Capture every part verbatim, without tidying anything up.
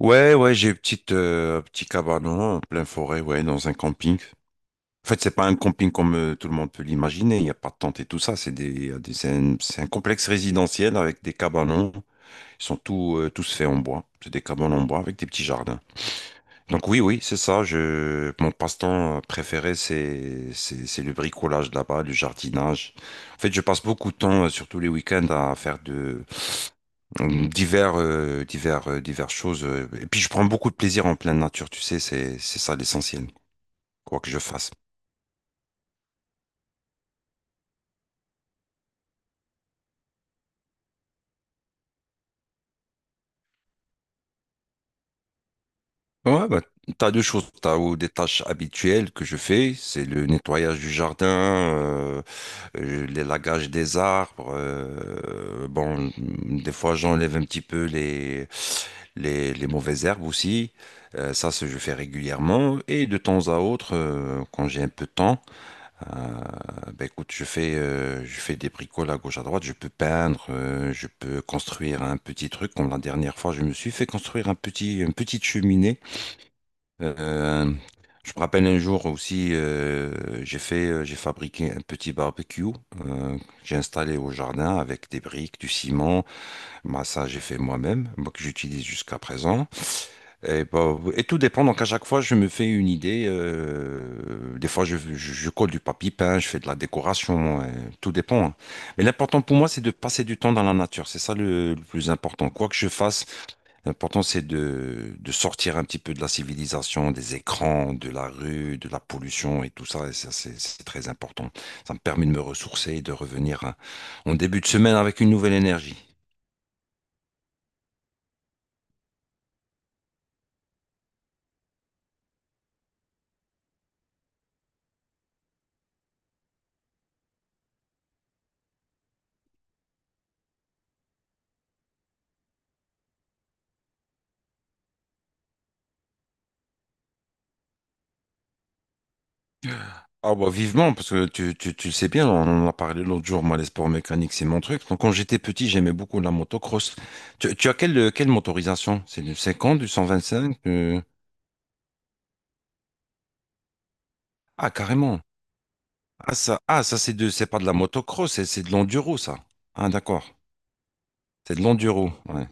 Ouais, ouais, j'ai une petite, euh, un petit cabanon en pleine forêt, ouais, dans un camping. En fait, c'est pas un camping comme euh, tout le monde peut l'imaginer. Il n'y a pas de tente et tout ça. C'est des, des- c'est un, c'est un complexe résidentiel avec des cabanons. Ils sont tous, euh, tous faits en bois. C'est des cabanons en bois avec des petits jardins. Donc oui, oui, c'est ça. Je, mon passe-temps euh, préféré, c'est, c'est, c'est le bricolage là-bas, le jardinage. En fait, je passe beaucoup de temps, euh, surtout les week-ends, à faire de, divers, euh, divers, euh, diverses choses. euh, Et puis je prends beaucoup de plaisir en pleine nature, tu sais, c'est, c'est ça l'essentiel, quoi que je fasse. Ouais, bah, t'as deux choses. T'as ou des tâches habituelles que je fais, c'est le nettoyage du jardin, euh, euh, l'élagage des arbres. Euh, bon, des fois j'enlève un petit peu les, les, les mauvaises herbes aussi. Euh, ça, c'est- je fais régulièrement. Et de temps à autre, euh, quand j'ai un peu de temps. Euh, ben écoute, je fais, euh, je fais des bricoles à gauche à droite, je peux peindre, euh, je peux construire un petit truc. Comme la dernière fois, je me suis fait construire un petit, une petite cheminée. Euh, je me rappelle un jour aussi, euh, j'ai fait, euh, j'ai fabriqué un petit barbecue. euh, j'ai installé au jardin avec des briques, du ciment. Moi, ça, j'ai fait moi-même, moi que j'utilise jusqu'à présent. Et, bah, et tout dépend. Donc, à chaque fois, je me fais une idée. Euh, des fois, je, je, je colle du papier peint, je fais de la décoration. Euh, tout dépend, hein. Mais l'important pour moi, c'est de passer du temps dans la nature. C'est ça le, le plus important. Quoi que je fasse, l'important, c'est de, de sortir un petit peu de la civilisation, des écrans, de la rue, de la pollution et tout ça. Et ça, c'est c'est très important. Ça me permet de me ressourcer et de revenir, hein, en début de semaine avec une nouvelle énergie. Ah bah vivement, parce que tu, tu, tu le sais bien, on en a parlé l'autre jour, moi les sports mécaniques c'est mon truc. Donc quand j'étais petit j'aimais beaucoup la motocross. Tu, tu as quelle, quelle motorisation? C'est du cinquante du cent vingt-cinq? euh, Ah carrément. Ah ça, ah, ça c'est de, c'est pas de la motocross, c'est c'est de l'enduro ça. Ah d'accord, c'est de l'enduro. Ouais.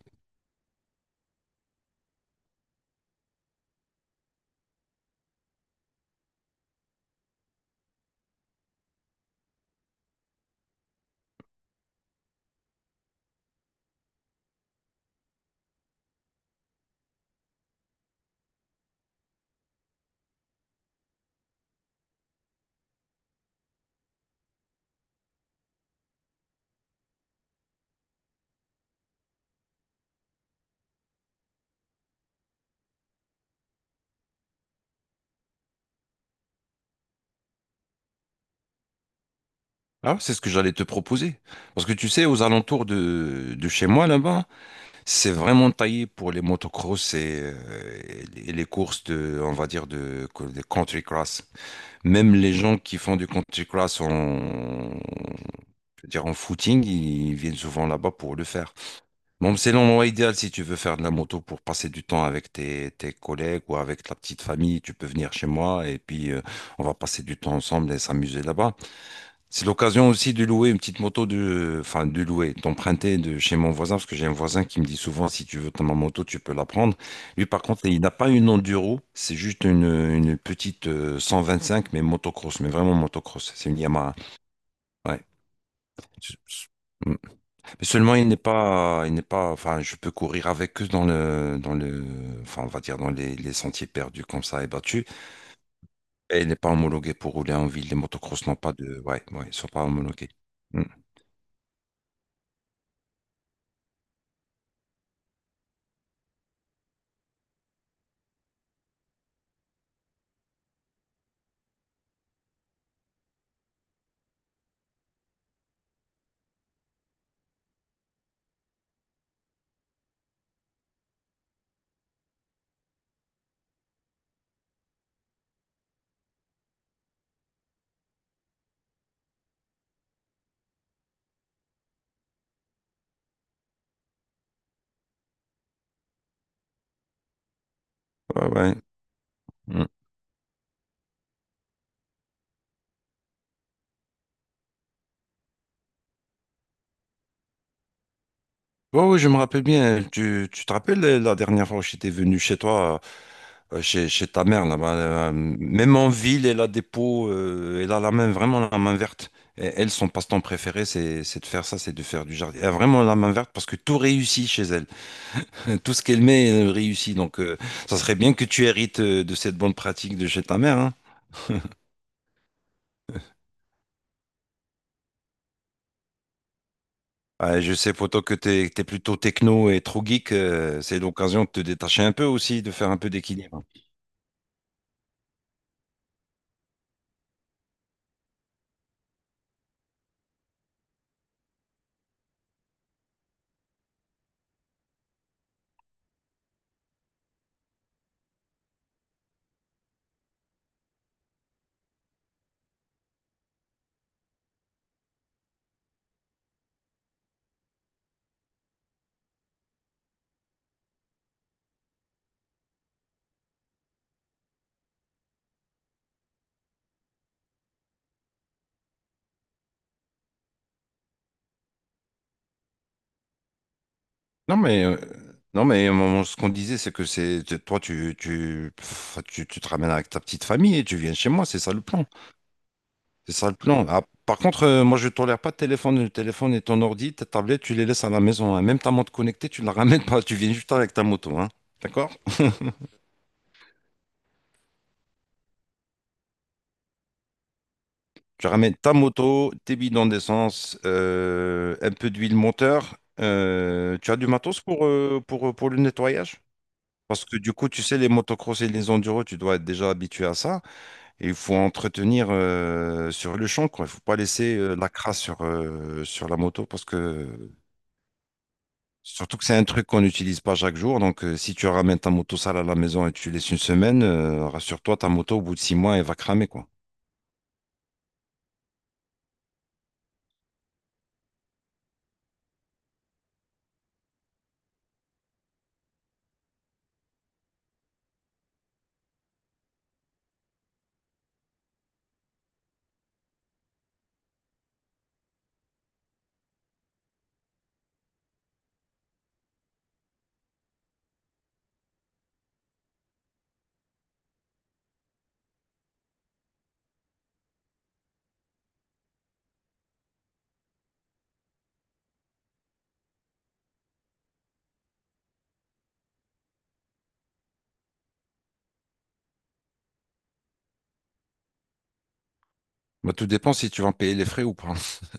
Ah c'est ce que j'allais te proposer. Parce que tu sais, aux alentours de, de chez moi là-bas, c'est vraiment taillé pour les motocross et, euh, et les et les courses de, on va dire, de, de country cross. Même les gens qui font du Country Cross en, je veux dire, en footing, ils viennent souvent là-bas pour le faire. Bon, c'est l'endroit idéal si tu veux faire de la moto pour passer du temps avec tes, tes collègues ou avec la petite famille. Tu peux venir chez moi et puis euh, on va passer du temps ensemble et s'amuser là-bas. C'est l'occasion aussi de louer une petite moto de, enfin, de louer, d'emprunter de chez mon voisin, parce que j'ai un voisin qui me dit souvent, si tu veux ta ma moto, tu peux la prendre. Lui, par contre, il n'a pas une enduro, c'est juste une, une petite euh, cent vingt-cinq, mais motocross, mais vraiment motocross. C'est une Yamaha. Ouais. Je- je- Mm. Mais seulement, il n'est pas, il n'est pas, enfin, je peux courir avec eux dans le, dans le, enfin, on va dire dans les, les sentiers perdus comme ça et battus. Et il n'est pas homologué pour rouler en ville. Les motocross n'ont pas de, ouais, ouais, ils sont pas homologués. Mm. Ouais, ouais. Hmm. Oui, oui, je me rappelle bien. Tu, tu te rappelles euh, la dernière fois où j'étais venu chez toi, euh, euh, chez, chez ta mère là-bas, euh, même en ville, elle a des pots, euh, elle a la main, vraiment la main verte. Et elle, son passe-temps préféré, c'est, c'est de faire ça, c'est de faire du jardin. Elle a vraiment la main verte parce que tout réussit chez elle. Tout ce qu'elle met, elle réussit. Donc, euh, ça serait bien que tu hérites euh, de cette bonne pratique de chez ta mère, hein. Ah, je sais, poto, que t'es, es plutôt techno et trop geek. Euh, c'est l'occasion de te détacher un peu aussi, de faire un peu d'équilibre. Non mais euh, non mais mon- ce qu'on disait c'est que c'est t- toi tu tu, pff, tu tu te ramènes avec ta petite famille et tu viens chez moi, c'est ça le plan. c'est ça le plan Ah, par contre euh, moi je tolère pas de téléphone, le téléphone et ton ordi, ta tablette, tu les laisses à la maison, hein. Même ta montre connectée tu la ramènes pas, tu viens juste avec ta moto, hein. D'accord? Tu ramènes ta moto, tes bidons d'essence, euh, un peu d'huile moteur. Euh, tu as du matos pour euh, pour pour le nettoyage parce que du coup tu sais les motocross et les enduros tu dois être déjà habitué à ça. Et il faut entretenir, euh, sur le champ, quoi. Il faut pas laisser euh, la crasse sur, euh, sur la moto parce que surtout que c'est un truc qu'on n'utilise pas chaque jour. Donc euh, si tu ramènes ta moto sale à la maison et tu laisses une semaine, euh, rassure-toi, ta moto au bout de six mois, elle va cramer, quoi. Bah, tout dépend si tu vas payer les frais ou pas.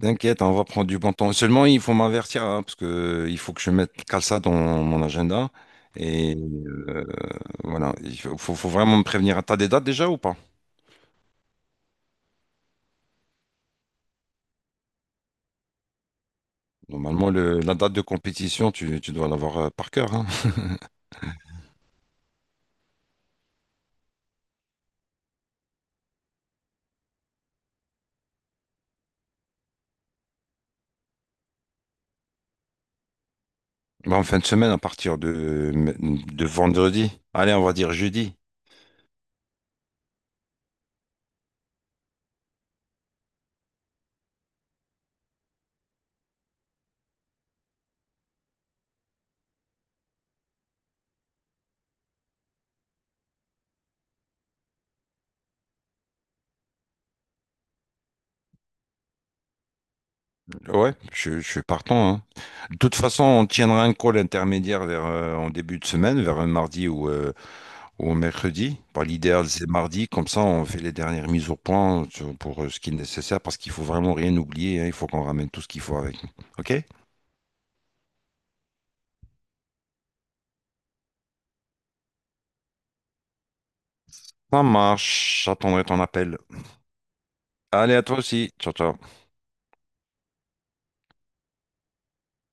T'inquiète, hein, on va prendre du bon temps. Seulement, il faut m'avertir, hein, parce que euh, il faut que je mette cale ça dans mon agenda. Et euh, voilà, il faut, faut faut vraiment me prévenir. T'as des dates déjà ou pas? Normalement, le- la date de compétition, tu, tu dois l'avoir euh, par cœur, hein. Bah, en fin de semaine, à partir de, de vendredi. Allez, on va dire jeudi. Ouais, je, je suis partant, hein. De toute façon, on tiendra un call intermédiaire vers, euh, en début de semaine, vers un mardi ou, euh, ou un mercredi. Bah, l'idéal, c'est mardi. Comme ça, on fait les dernières mises au point sur- pour euh, ce qui est nécessaire parce qu'il faut vraiment rien oublier, hein. Il faut qu'on ramène tout ce qu'il faut avec nous. OK? Ça marche. J'attendrai ton appel. Allez, à toi aussi. Ciao, ciao.